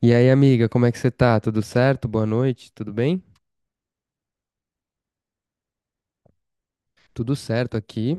E aí, amiga, como é que você tá? Tudo certo? Boa noite, tudo bem? Tudo certo aqui.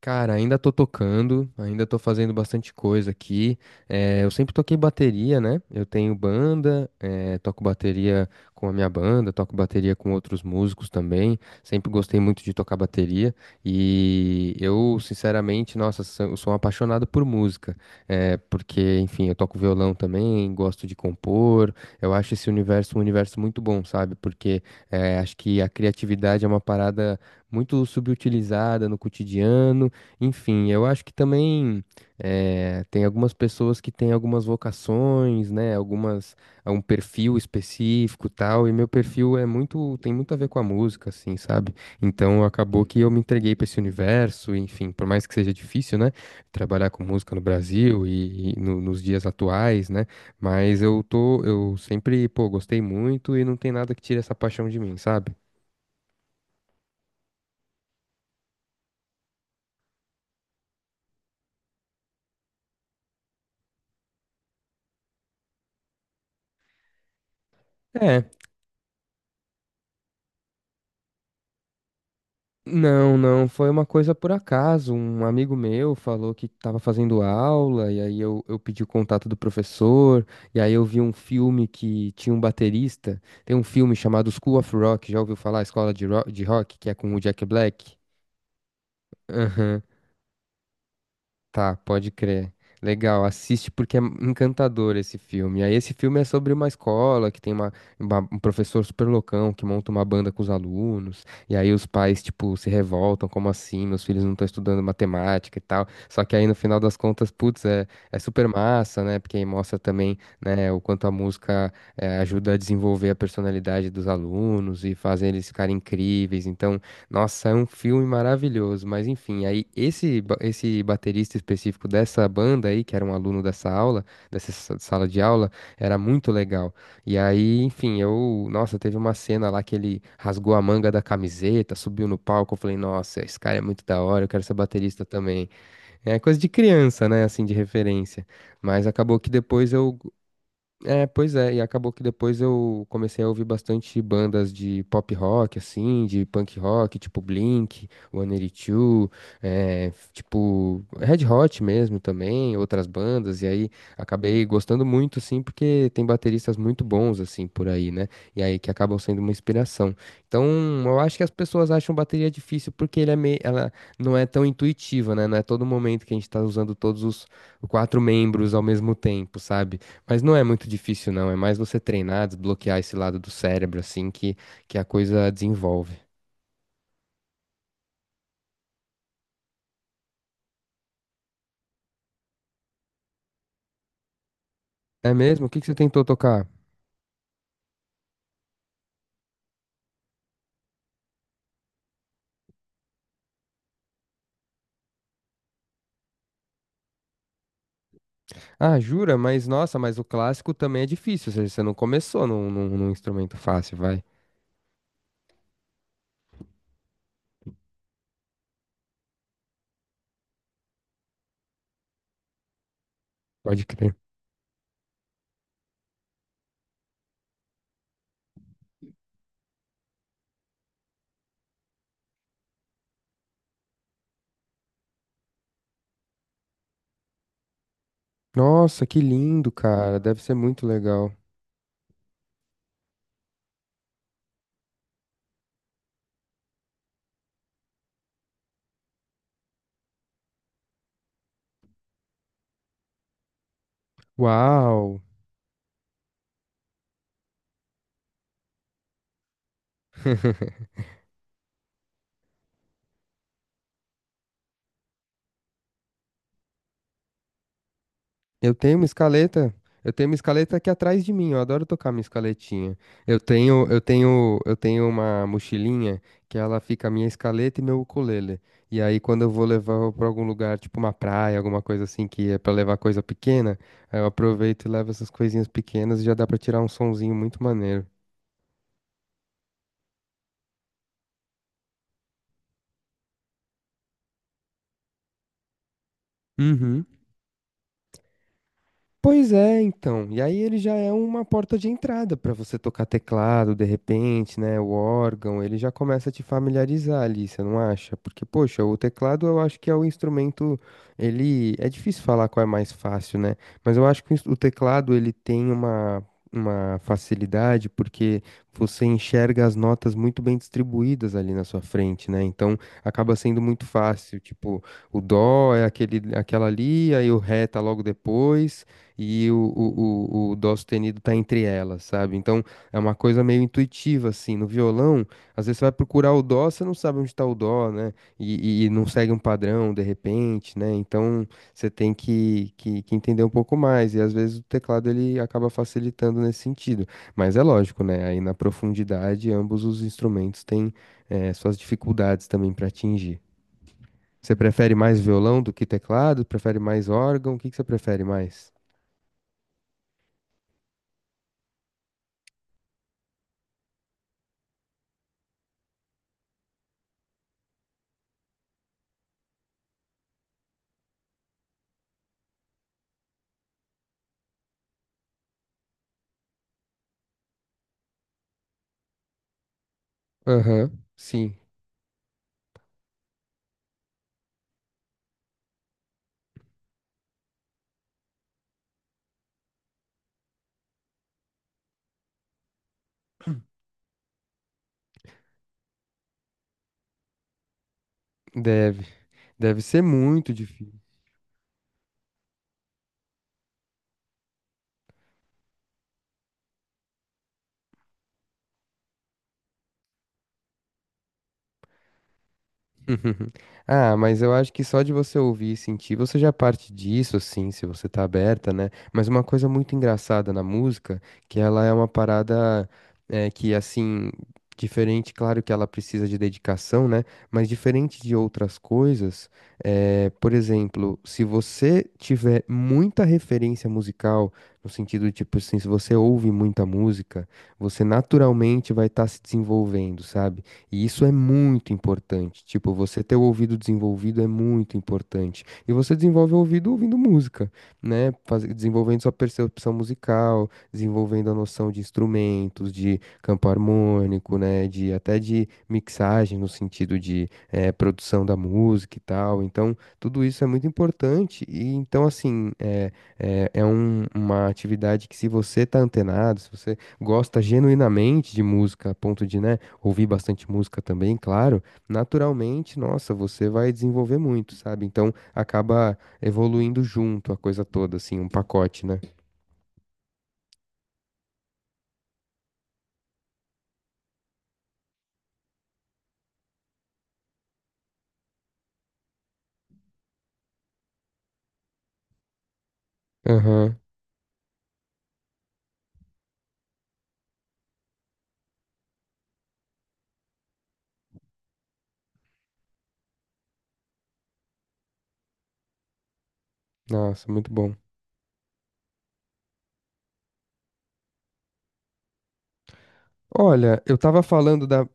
Cara, ainda tô tocando, ainda tô fazendo bastante coisa aqui. Eu sempre toquei bateria, né? Eu tenho banda, toco bateria com a minha banda, toco bateria com outros músicos também. Sempre gostei muito de tocar bateria e eu, sinceramente, nossa, eu sou um apaixonado por música. Porque, enfim, eu toco violão também, gosto de compor. Eu acho esse universo um universo muito bom, sabe? Porque acho que a criatividade é uma parada muito subutilizada no cotidiano. Enfim, eu acho que também, tem algumas pessoas que têm algumas vocações, né? Algumas, um perfil específico, tal, e meu perfil é muito, tem muito a ver com a música, assim, sabe? Então acabou que eu me entreguei para esse universo, enfim, por mais que seja difícil, né? Trabalhar com música no Brasil e, nos dias atuais, né? Mas eu tô, eu sempre, pô, gostei muito e não tem nada que tire essa paixão de mim, sabe? Não, não, foi uma coisa por acaso. Um amigo meu falou que estava fazendo aula, e aí eu pedi o contato do professor, e aí eu vi um filme que tinha um baterista. Tem um filme chamado School of Rock, já ouviu falar? Escola de, de Rock, que é com o Jack Black. Aham. Tá, pode crer. Legal, assiste porque é encantador esse filme. Aí esse filme é sobre uma escola que tem uma, um professor super loucão que monta uma banda com os alunos. E aí os pais, tipo, se revoltam, como assim? Meus filhos não estão estudando matemática e tal. Só que aí no final das contas, putz, é, é super massa, né? Porque aí mostra também, né, o quanto a música ajuda a desenvolver a personalidade dos alunos e faz eles ficarem incríveis. Então, nossa, é um filme maravilhoso, mas enfim, aí esse, esse baterista específico dessa banda aí, que era um aluno dessa aula, dessa sala de aula, era muito legal. E aí, enfim, eu, nossa, teve uma cena lá que ele rasgou a manga da camiseta, subiu no palco, eu falei, nossa, esse cara é muito da hora, eu quero ser baterista também. É coisa de criança, né, assim, de referência. Mas acabou que depois eu é, pois é, e acabou que depois eu comecei a ouvir bastante bandas de pop rock, assim, de punk rock, tipo Blink, One Two, é, tipo Red Hot mesmo também, outras bandas, e aí acabei gostando muito, assim, porque tem bateristas muito bons, assim, por aí, né? E aí que acabam sendo uma inspiração. Então, eu acho que as pessoas acham bateria difícil porque ele é meio, ela não é tão intuitiva, né? Não é todo momento que a gente tá usando todos os quatro membros ao mesmo tempo, sabe? Mas não é muito difícil, não. É mais você treinar, desbloquear esse lado do cérebro, assim, que a coisa desenvolve. É mesmo? O que que você tentou tocar? Ah, jura? Mas nossa, mas o clássico também é difícil. Ou seja, você não começou num instrumento fácil, vai. Pode crer. Nossa, que lindo, cara. Deve ser muito legal. Uau! Eu tenho uma escaleta. Eu tenho uma escaleta aqui atrás de mim. Eu adoro tocar minha escaletinha. Eu tenho uma mochilinha que ela fica a minha escaleta e meu ukulele. E aí quando eu vou levar para algum lugar, tipo uma praia, alguma coisa assim que é para levar coisa pequena, aí eu aproveito e levo essas coisinhas pequenas e já dá para tirar um sonzinho muito maneiro. Uhum. Pois é, então. E aí ele já é uma porta de entrada para você tocar teclado, de repente, né? O órgão, ele já começa a te familiarizar ali, você não acha? Porque, poxa, o teclado eu acho que é o instrumento, ele é difícil falar qual é mais fácil, né? Mas eu acho que o o teclado ele tem uma facilidade porque você enxerga as notas muito bem distribuídas ali na sua frente, né? Então acaba sendo muito fácil, tipo, o dó é aquele aquela ali, aí o ré tá logo depois e o dó sustenido tá entre elas, sabe? Então é uma coisa meio intuitiva, assim. No violão, às vezes você vai procurar o dó, você não sabe onde tá o dó, né? E, não segue um padrão de repente, né? Então você tem que entender um pouco mais. E às vezes o teclado ele acaba facilitando nesse sentido. Mas é lógico, né? Aí na profundidade, ambos os instrumentos têm suas dificuldades também para atingir. Você prefere mais violão do que teclado? Prefere mais órgão? O que que você prefere mais? Aham, sim, deve. Deve ser muito difícil. Ah, mas eu acho que só de você ouvir e sentir, você já parte disso, assim, se você tá aberta, né? Mas uma coisa muito engraçada na música, que ela é uma parada é, que, assim, diferente, claro que ela precisa de dedicação, né? Mas diferente de outras coisas, é, por exemplo, se você tiver muita referência musical, no sentido, tipo assim, se você ouve muita música, você naturalmente vai estar se desenvolvendo, sabe? E isso é muito importante. Tipo, você ter o ouvido desenvolvido é muito importante. E você desenvolve o ouvido ouvindo música, né? Desenvolvendo sua percepção musical, desenvolvendo a noção de instrumentos, de campo harmônico, né? De até de mixagem no sentido de produção da música e tal. Então, tudo isso é muito importante. E então, assim, é uma atividade que se você tá antenado, se você gosta genuinamente de música, a ponto de, né? Ouvir bastante música também, claro, naturalmente, nossa, você vai desenvolver muito, sabe? Então acaba evoluindo junto a coisa toda, assim, um pacote, né? Aham. Nossa, muito bom. Olha, eu tava falando da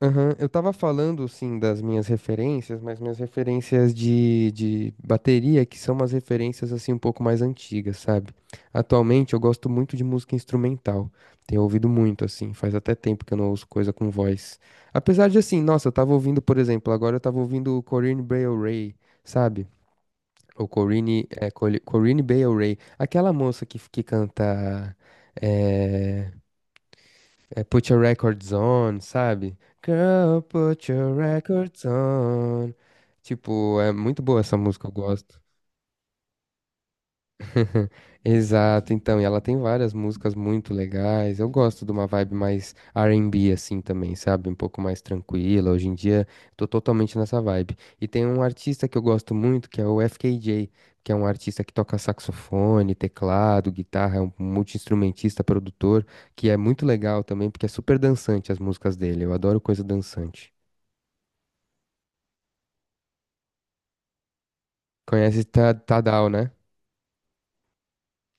aham. Eu tava falando, sim, das minhas referências, mas minhas referências de bateria, que são umas referências, assim, um pouco mais antigas, sabe? Atualmente eu gosto muito de música instrumental, tenho ouvido muito, assim, faz até tempo que eu não ouço coisa com voz. Apesar de, assim, nossa, eu tava ouvindo, por exemplo, agora eu tava ouvindo o Corinne Bailey Rae, sabe? Ou Corinne, é, Corinne Bailey Rae, aquela moça que canta... é, é Put Your Records On, sabe? Girl, put your records on. Tipo, é muito boa essa música, eu gosto. Exato, então, e ela tem várias músicas muito legais. Eu gosto de uma vibe mais R&B assim também, sabe? Um pouco mais tranquila. Hoje em dia tô totalmente nessa vibe. E tem um artista que eu gosto muito, que é o FKJ, que é um artista que toca saxofone, teclado, guitarra, é um multi-instrumentista, produtor, que é muito legal também, porque é super dançante as músicas dele. Eu adoro coisa dançante. Conhece Tadal, né?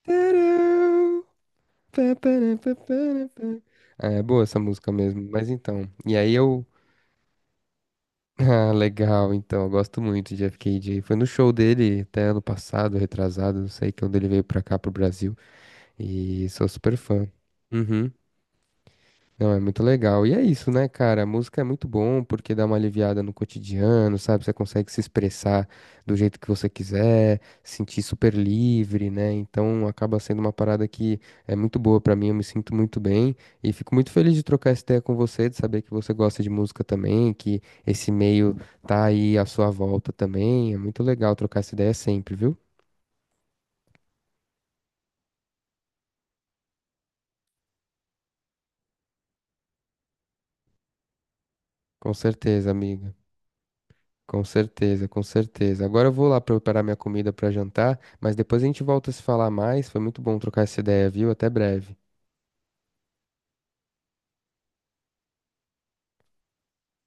Tadam! Pá, pará, pá, pará, pá. Ah, é boa essa música mesmo. Mas então, e aí eu. Ah, legal, então, eu gosto muito de FKJ. Foi no show dele até ano passado, retrasado, não sei, quando ele veio pra cá, pro Brasil. E sou super fã. Uhum. Não, é muito legal. E é isso, né, cara? A música é muito bom porque dá uma aliviada no cotidiano, sabe? Você consegue se expressar do jeito que você quiser, se sentir super livre, né? Então acaba sendo uma parada que é muito boa pra mim, eu me sinto muito bem e fico muito feliz de trocar essa ideia com você, de saber que você gosta de música também, que esse meio tá aí à sua volta também. É muito legal trocar essa ideia sempre, viu? Com certeza, amiga. Com certeza, com certeza. Agora eu vou lá preparar minha comida para jantar, mas depois a gente volta a se falar mais. Foi muito bom trocar essa ideia, viu? Até breve.